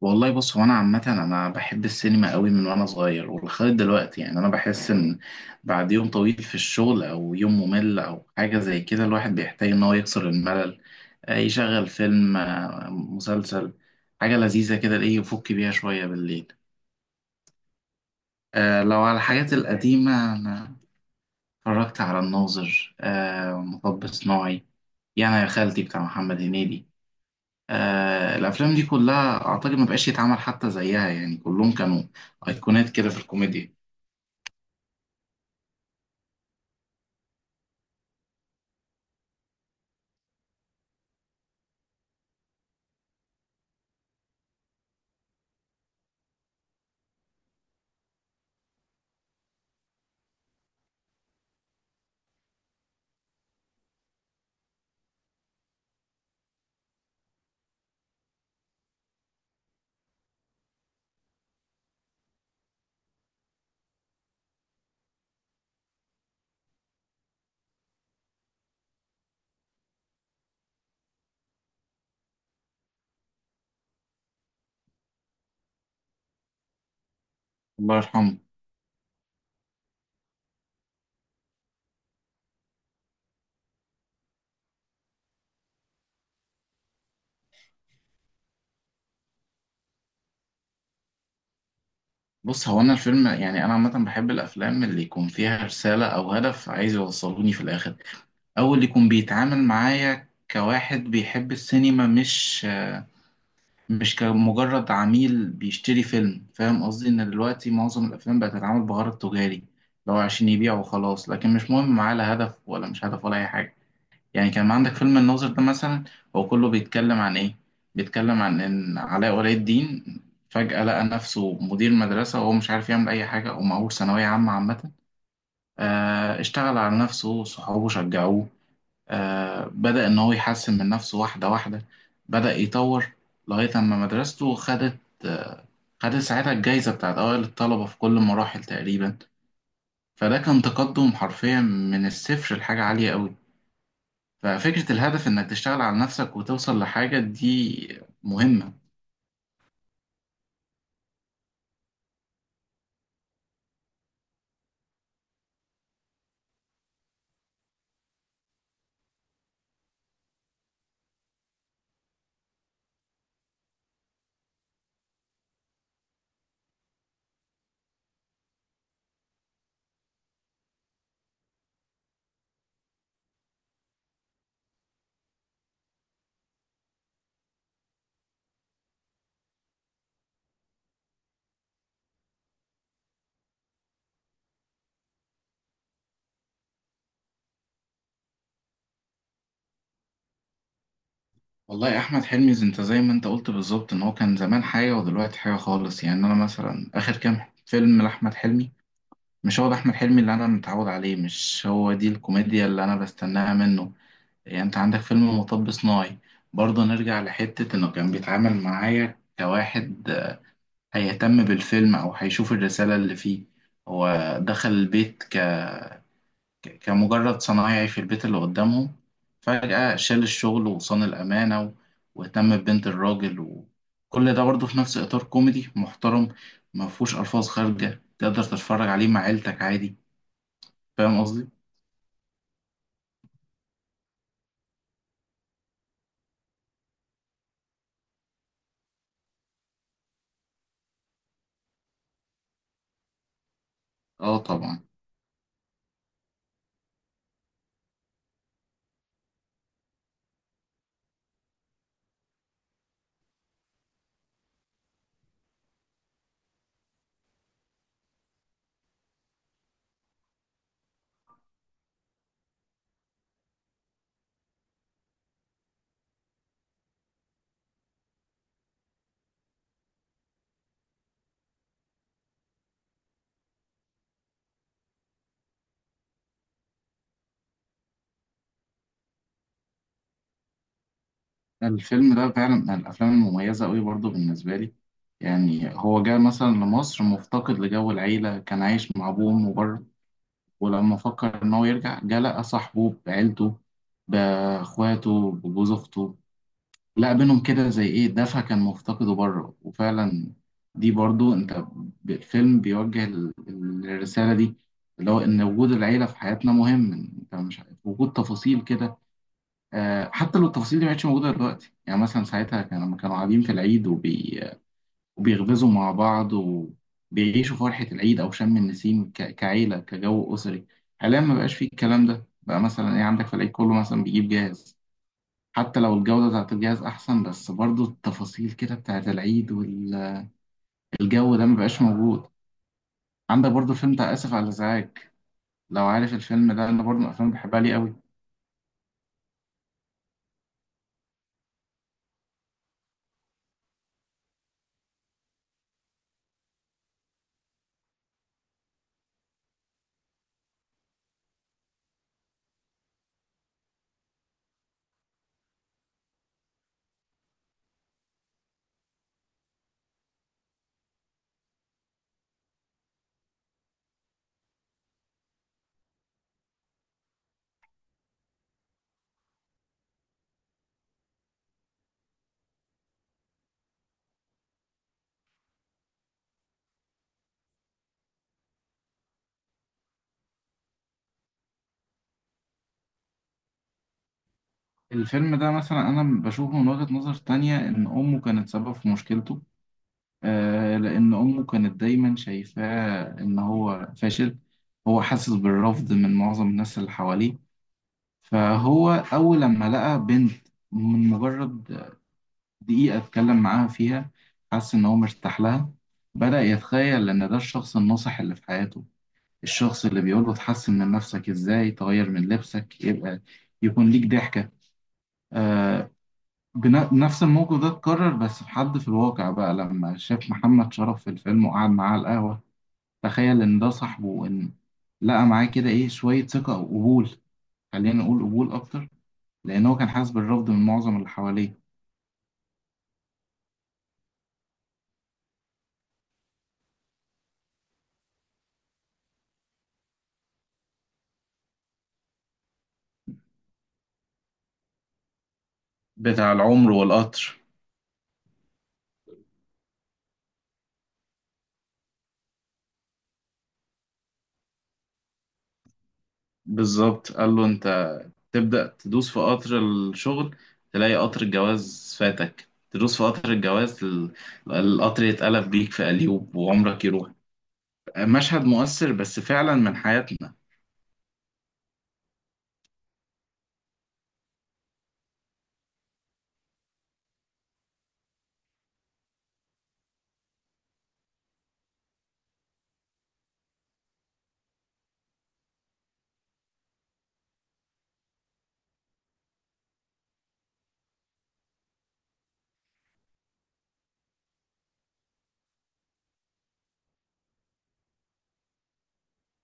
والله بص هو انا عامه انا بحب السينما قوي من وانا صغير ولغايه دلوقتي، يعني انا بحس ان بعد يوم طويل في الشغل او يوم ممل او حاجه زي كده الواحد بيحتاج ان هو يكسر الملل، يشغل فيلم، مسلسل، حاجه لذيذه كده ايه يفك بيها شويه بالليل. لو على الحاجات القديمه، انا اتفرجت على الناظر، مطب صناعي، يعني يا خالتي بتاع محمد هنيدي. آه، الافلام دي كلها اعتقد ما بقاش يتعمل حتى زيها، يعني كلهم كانوا ايقونات كده في الكوميديا. الله يرحمه. بص هو انا الفيلم يعني انا عامه بحب الافلام اللي يكون فيها رساله او هدف عايز يوصلوني في الاخر، او اللي يكون بيتعامل معايا كواحد بيحب السينما، مش كمجرد عميل بيشتري فيلم. فاهم قصدي؟ ان دلوقتي معظم الافلام بقت تتعامل بغرض تجاري، لو عشان يبيع وخلاص، لكن مش مهم معاه لا هدف ولا مش هدف ولا اي حاجه. يعني كان عندك فيلم الناظر ده مثلا، هو كله بيتكلم عن ايه؟ بيتكلم عن ان علاء ولي الدين فجأة لقى نفسه مدير مدرسة وهو مش عارف يعمل اي حاجة ومعهوش ثانوية عامة عامة. اشتغل على نفسه، صحابه شجعوه. بدأ ان هو يحسن من نفسه واحدة واحدة، بدأ يطور لغاية اما مدرسته خدت، آه، خدت ساعتها الجايزة بتاعت أوائل الطلبة في كل المراحل تقريبا. فده كان تقدم حرفيا من الصفر لحاجة عالية أوي. ففكرة الهدف إنك تشتغل على نفسك وتوصل لحاجة دي مهمة. والله يا أحمد حلمي أنت زي ما أنت قلت بالظبط، إن هو كان زمان حاجة ودلوقتي حاجة خالص. يعني أنا مثلا آخر كام فيلم لأحمد حلمي، مش هو ده أحمد حلمي اللي أنا متعود عليه، مش هو دي الكوميديا اللي أنا بستناها منه. يعني أنت عندك فيلم مطب صناعي، برضه نرجع لحتة إنه كان بيتعامل معايا كواحد هيهتم بالفيلم أو هيشوف الرسالة اللي فيه. هو دخل البيت كمجرد صنايعي في البيت اللي قدامهم، فجأة شال الشغل وصان الأمانة واهتم ببنت الراجل، وكل ده برضه في نفس إطار كوميدي محترم. ما فيهوش ألفاظ خارجة، تقدر تتفرج عليه مع عيلتك عادي. فاهم قصدي؟ آه طبعا. الفيلم ده فعلا من الأفلام المميزة أوي برضه بالنسبة لي. يعني هو جاء مثلا لمصر مفتقد لجو العيلة، كان عايش مع أبوه وأمه بره. ولما فكر إن هو يرجع جه لقى صاحبه بعيلته، بأخواته، بجوز أخته، لا بينهم كده زي ايه دفع كان مفتقده بره. وفعلا دي برضو انت، الفيلم بيوجه الرسالة دي، اللي هو ان وجود العيلة في حياتنا مهم. انت مش عارف وجود تفاصيل كده، حتى لو التفاصيل دي ما كانتش موجودة دلوقتي. يعني مثلا ساعتها كان لما كانوا قاعدين في العيد وبيغبزوا مع بعض وبيعيشوا فرحة العيد او شم النسيم، كعيلة كجو أسري. حاليا ما بقاش فيه الكلام ده، بقى مثلا ايه عندك في العيد كله مثلا بيجيب جاهز. حتى لو الجودة بتاعت الجهاز أحسن، بس برضو التفاصيل كده بتاعت العيد والجو ده مبقاش موجود. عندك برضو الفيلم بتاع آسف على الإزعاج، لو عارف الفيلم ده، أنا برضو من الأفلام اللي بحبها ليه قوي. الفيلم ده مثلا أنا بشوفه من وجهة نظر تانية، إن أمه كانت سبب في مشكلته. آه، لأن أمه كانت دايما شايفاه إن هو فاشل، هو حاسس بالرفض من معظم الناس اللي حواليه. فهو أول لما لقى بنت، من مجرد دقيقة اتكلم معاها فيها، حس إن هو مرتاح لها. بدأ يتخيل إن ده الشخص الناصح اللي في حياته، الشخص اللي بيقوله تحسن من نفسك، إزاي تغير من لبسك، يبقى يكون ليك ضحكة. آه، نفس الموقف ده اتكرر بس في حد في الواقع، بقى لما شاف محمد شرف في الفيلم وقعد معاه على القهوة، تخيل إن ده صاحبه، وإن لقى معاه كده إيه شوية ثقة وقبول. خلينا نقول قبول أكتر، لأن هو كان حاسس بالرفض من معظم اللي حواليه. بتاع العمر والقطر. بالظبط، قال له انت تبدأ تدوس في قطر الشغل، تلاقي قطر الجواز فاتك، تدوس في قطر الجواز، القطر يتقلب بيك في قليوب وعمرك يروح. مشهد مؤثر بس فعلا من حياتنا.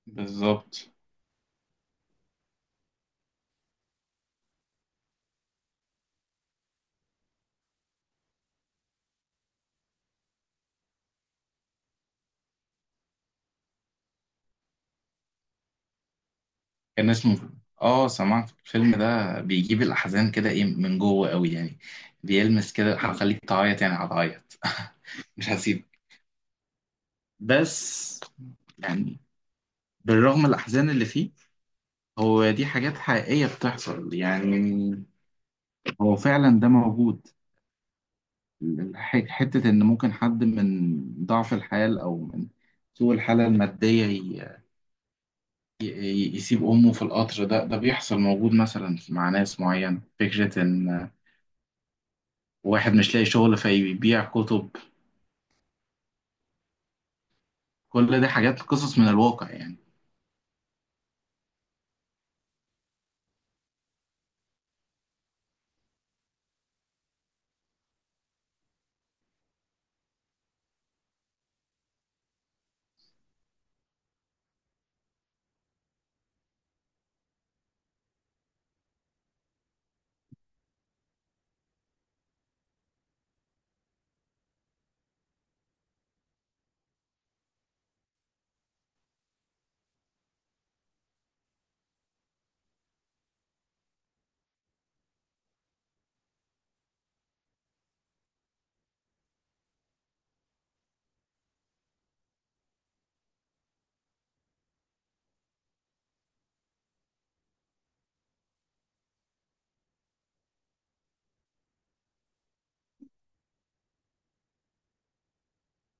بالظبط كان اسمه. اه سمعت الفيلم ده، بيجيب الأحزان كده ايه من جوه قوي، يعني بيلمس كده، هخليك تعيط يعني، هتعيط. مش هسيب. بس يعني بالرغم من الأحزان اللي فيه، هو دي حاجات حقيقية بتحصل يعني، هو فعلا ده موجود. حتة إن ممكن حد من ضعف الحال أو من سوء الحالة المادية يسيب أمه في القطر ده، ده بيحصل موجود مثلا مع ناس معينة. فكرة إن واحد مش لاقي شغل فيبيع كتب، كل دي حاجات قصص من الواقع يعني.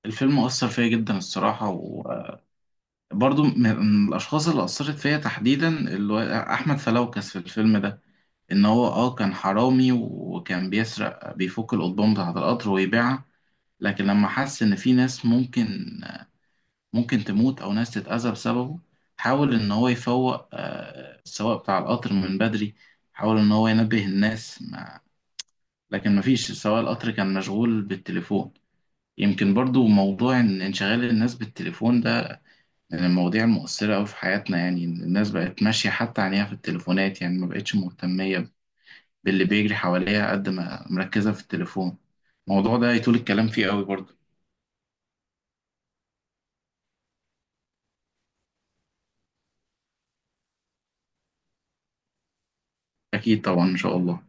الفيلم أثر فيا جدا الصراحة، وبرضو من الأشخاص اللي أثرت فيا تحديدا اللي هو أحمد فلوكس في الفيلم ده، إن هو أه كان حرامي وكان بيسرق، بيفك القضبان بتاعة القطر ويبيعها. لكن لما حس ان في ناس ممكن، ممكن تموت او ناس تتأذى بسببه، حاول ان هو يفوق السواق بتاع القطر من بدري، حاول ان هو ينبه الناس، ما لكن مفيش، سواق القطر كان مشغول بالتليفون. يمكن برضو موضوع إن انشغال الناس بالتليفون ده من المواضيع المؤثرة أوي في حياتنا، يعني إن الناس بقت ماشية حتى عينيها في التليفونات، يعني ما بقتش مهتمية باللي بيجري حواليها قد ما مركزة في التليفون. الموضوع ده يطول الكلام فيه أوي برضو. أكيد طبعا إن شاء الله.